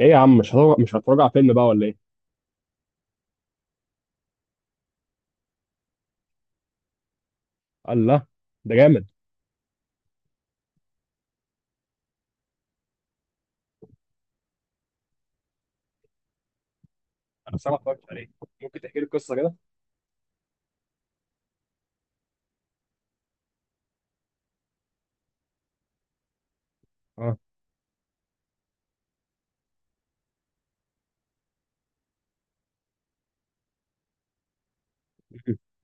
ايه يا عم، مش هتراجع فيلم بقى ولا ايه؟ قال لا. ده جامد. انا بصراحه ما اتفرجتش عليه. ممكن تحكي لي القصه كده؟ اه.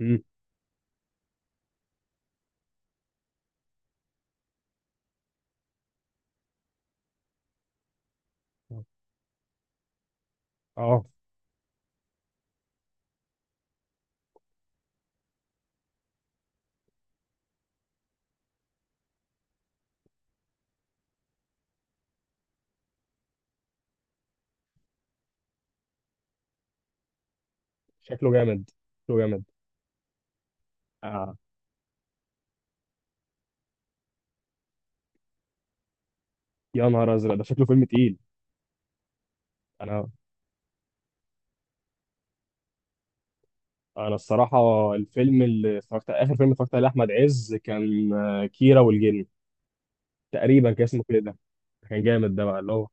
مم. اه، شكله جامد، شكله جامد. آه. يا نهار ازرق، ده شكله فيلم تقيل. انا انا الصراحه الفيلم اللي اتفرجت، اخر فيلم اتفرجت عليه احمد عز كان كيرة والجن. تقريبا كان اسمه كده. كان جامد ده، بقى اللي هو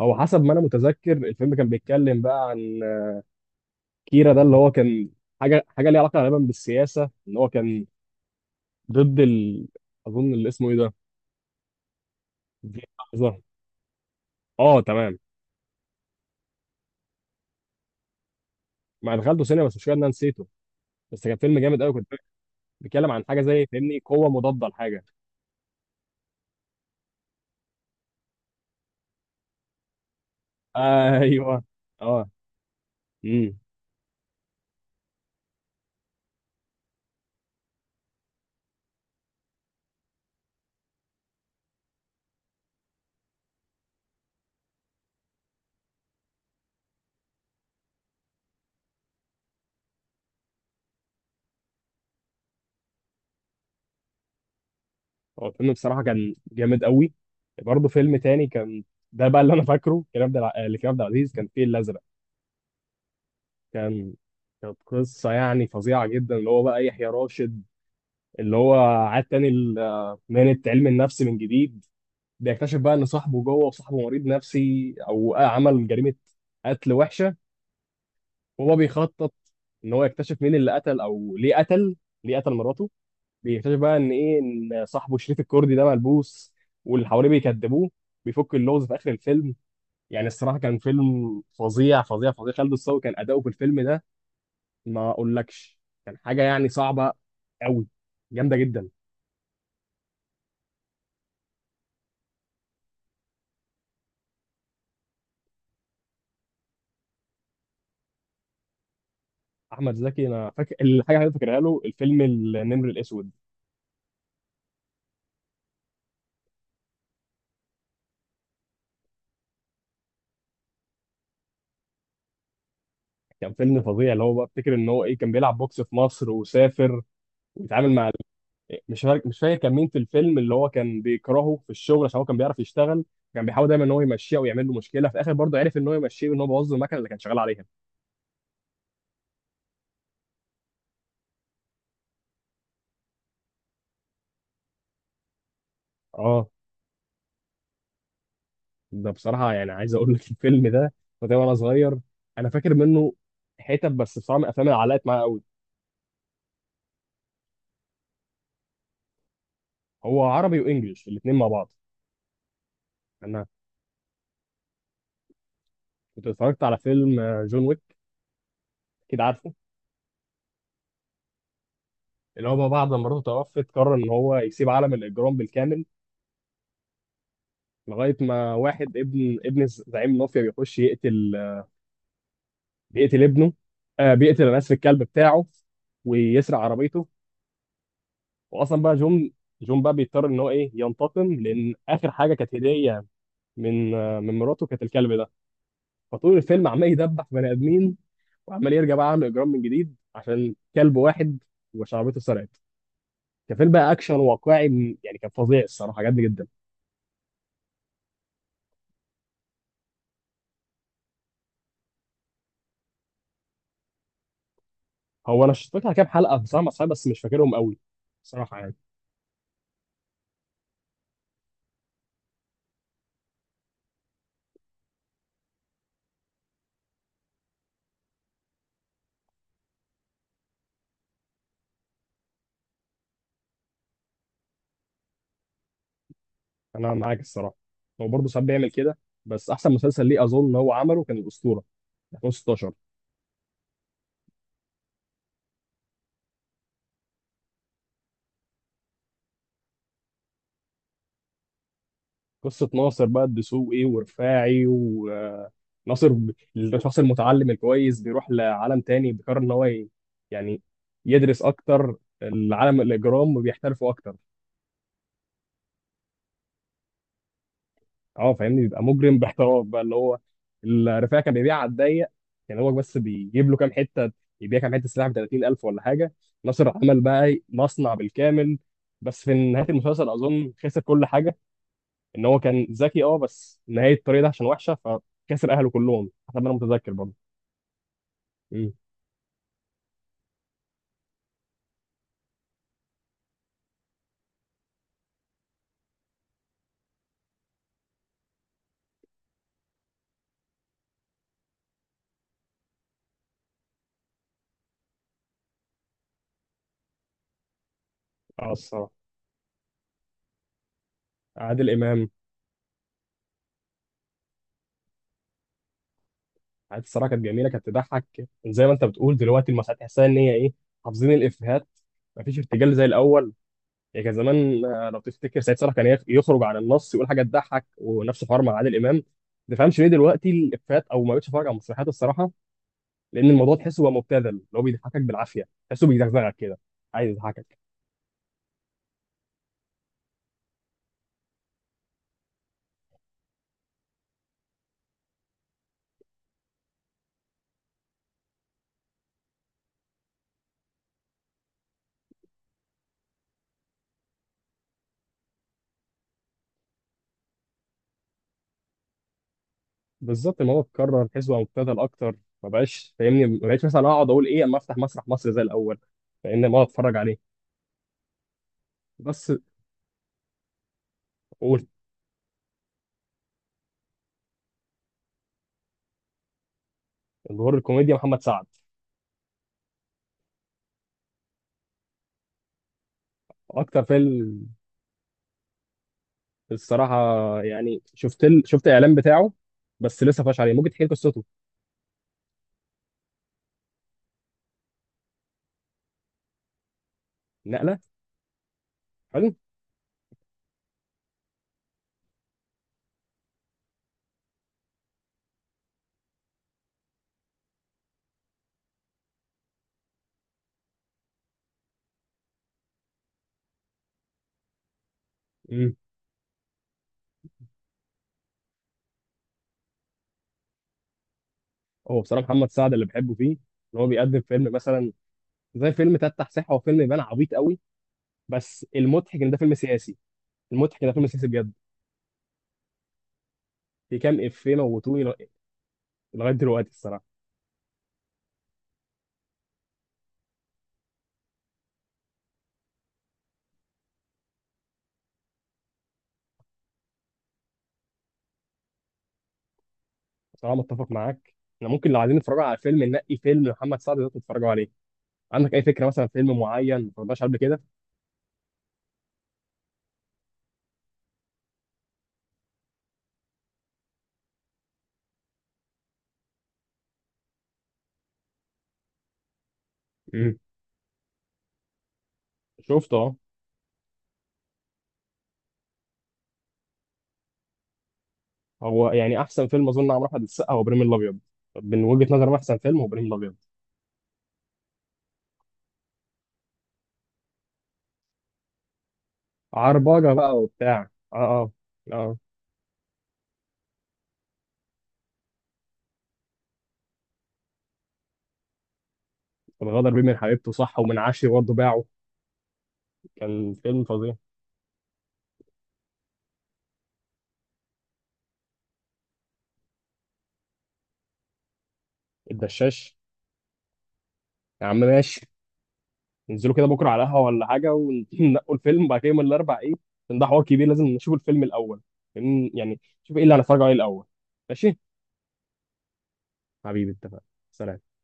هو حسب ما انا متذكر الفيلم كان بيتكلم بقى عن كيرا ده، اللي هو كان حاجه ليها علاقه غالبا بالسياسه، ان هو كان ضد. اظن اللي اسمه ايه ده. دي لحظه. اه تمام. ما دخلته سينما، بس مش كده انا نسيته، بس كان فيلم جامد قوي. كنت بيتكلم عن حاجه زي، فاهمني، قوه مضاده لحاجه. ايوه. اه. امم هو الفيلم بصراحه كان جامد قوي. برضه فيلم تاني كان ده بقى اللي انا فاكره، كريم عبد لكريم عبد العزيز، كان فيه الازرق. كان، كانت قصه يعني فظيعه جدا، اللي هو بقى يحيى راشد، اللي هو عاد تاني مهنه علم النفس من جديد. بيكتشف بقى ان صاحبه جوه، وصاحبه مريض نفسي او عمل جريمه، قتل وحشه. وهو بيخطط ان هو يكتشف مين اللي قتل، او ليه قتل، ليه قتل مراته. بيكتشف بقى ان ايه، ان صاحبه شريف الكردي ده ملبوس، واللي حواليه بيكذبوه. بيفك اللغز في اخر الفيلم. يعني الصراحه كان فيلم فظيع فظيع فظيع. خالد الصاوي كان اداؤه في الفيلم ده ما اقولكش. كان حاجه يعني صعبه قوي، جامده جدا. احمد زكي، انا فاكر الحاجه اللي أنا فاكرها له الفيلم النمر الاسود. كان فيلم فظيع. اللي هو بقى افتكر ان هو ايه، كان بيلعب بوكس في مصر، وسافر، ويتعامل مع، مش فاكر كان مين في الفيلم، اللي هو كان بيكرهه في الشغل عشان هو كان بيعرف يشتغل. كان بيحاول دايما ان هو يمشيه، ويعمل له مشكله، في الاخر برضه عرف ان هو يمشيه، وان هو بوظ المكنه اللي كان شغال عليها. اه. ده بصراحه يعني عايز اقول لك الفيلم ده كنت وانا صغير، انا فاكر منه حتت بس، بصراحه من الافلام اللي علقت معايا قوي. هو عربي وانجليش الاثنين مع بعض. انا كنت اتفرجت على فيلم جون ويك. كده عارفه. اللي هو بقى، بعد ما مراته توفت، قرر ان هو يسيب عالم الاجرام بالكامل، لغايه ما واحد ابن زعيم المافيا بيخش يقتل، بيقتل ابنه، بيقتل، انا اسف، الكلب بتاعه، ويسرق عربيته. واصلا بقى جون بقى بيضطر ان هو ايه ينتقم، لان اخر حاجه كانت هديه من مراته كانت الكلب ده. فطول الفيلم عمال يدبح في بني ادمين، وعمال يرجع بقى يعمل اجرام من جديد عشان كلب واحد وشعبيته سرقت. كان فيلم بقى اكشن واقعي، يعني كان فظيع الصراحه، عجبني جدا. هو انا شفت لها كام حلقه بصراحه مع أصحابي، بس مش فاكرهم قوي، صراحه يعني. انا معاك الصراحه، هو برضه ساعات بيعمل كده، بس احسن مسلسل ليه اظن ان هو عمله كان الاسطوره 2016. قصه ناصر بقى الدسوقي ورفاعي، وناصر الشخص المتعلم الكويس بيروح لعالم تاني، بيقرر ان هو يعني يدرس اكتر العالم الاجرام، وبيحترفوا اكتر. اه فاهمني، بيبقى مجرم باحتراف، بقى اللي هو الرفاعي كان بيبيع على الضيق، كان هو بس بيجيب له كام حته، يبيع كام حته سلاح ب 30,000 ولا حاجه. ناصر عمل بقى إيه، مصنع بالكامل. بس في نهايه المسلسل اظن خسر كل حاجه، ان هو كان ذكي اه، بس نهايه الطريق ده عشان وحشه، فخسر اهله كلهم حسب ما انا متذكر برضه. امم اه الصراحه، عادل امام. عادل الصراحه كانت جميله، كانت تضحك. زي ما انت بتقول، دلوقتي المسرحيات تحسها ان هي ايه، حافظين الافيهات، مفيش ارتجال زي الاول. يعني كان زمان لو تفتكر سعيد صالح كان يخرج عن النص، يقول حاجه تضحك، ونفس الحوار مع عادل امام. ما تفهمش ليه دلوقتي الافيهات، او ما بقتش اتفرج على المسرحيات الصراحه، لان الموضوع تحسه بقى مبتذل، اللي هو بيضحكك بالعافيه، تحسه بيزغزغك كده، عايز يضحكك. بالظبط الموضوع اتكرر، تحسه بقى مبتذل اكتر. ما بقاش فاهمني، ما بقتش مثلا اقعد اقول ايه اما افتح مسرح مصر زي الاول، لان ما اتفرج عليه. بس. قول. ظهور الكوميديا محمد سعد. اكتر فيلم الصراحه، يعني شفت الاعلان بتاعه، بس لسه فاش عليه، ممكن تحكي لي قصته. نقله. حلو. مم. هو بصراحه محمد سعد اللي بحبه فيه، ان هو بيقدم فيلم مثلا زي فيلم تفتح صحه، هو فيلم يبان عبيط قوي، بس المضحك ان ده فيلم سياسي، المضحك ان ده فيلم سياسي بجد. في كام افيه موتوني لغايه دلوقتي الصراحه. بصراحه متفق معاك، احنا ممكن لو عايزين نتفرج على فيلم، ننقي فيلم محمد سعد ده تتفرجوا عليه. عندك اي فكره مثلا فيلم معين ما اتفرجناش قبل كده؟ مم. شفته اه. هو يعني احسن فيلم، اظن عمرو احمد السقا، هو ابراهيم الابيض. من وجهه نظري احسن فيلم هو ابراهيم الابيض. عربجه بقى وبتاع، اه. اه. اه. الغدر بيه من حبيبته صح، ومن عشري برضه باعه. كان فيلم فظيع. الدشاش. يا عم ماشي. ننزلوا كده بكره على قهوه ولا حاجه، وننقوا الفيلم، وبعد كده يوم الاربع ايه، عشان ده حوار كبير، لازم نشوف الفيلم الاول. يعني شوف ايه اللي هنتفرج عليه الاول. ماشي. حبيبي اتفقنا. سلام.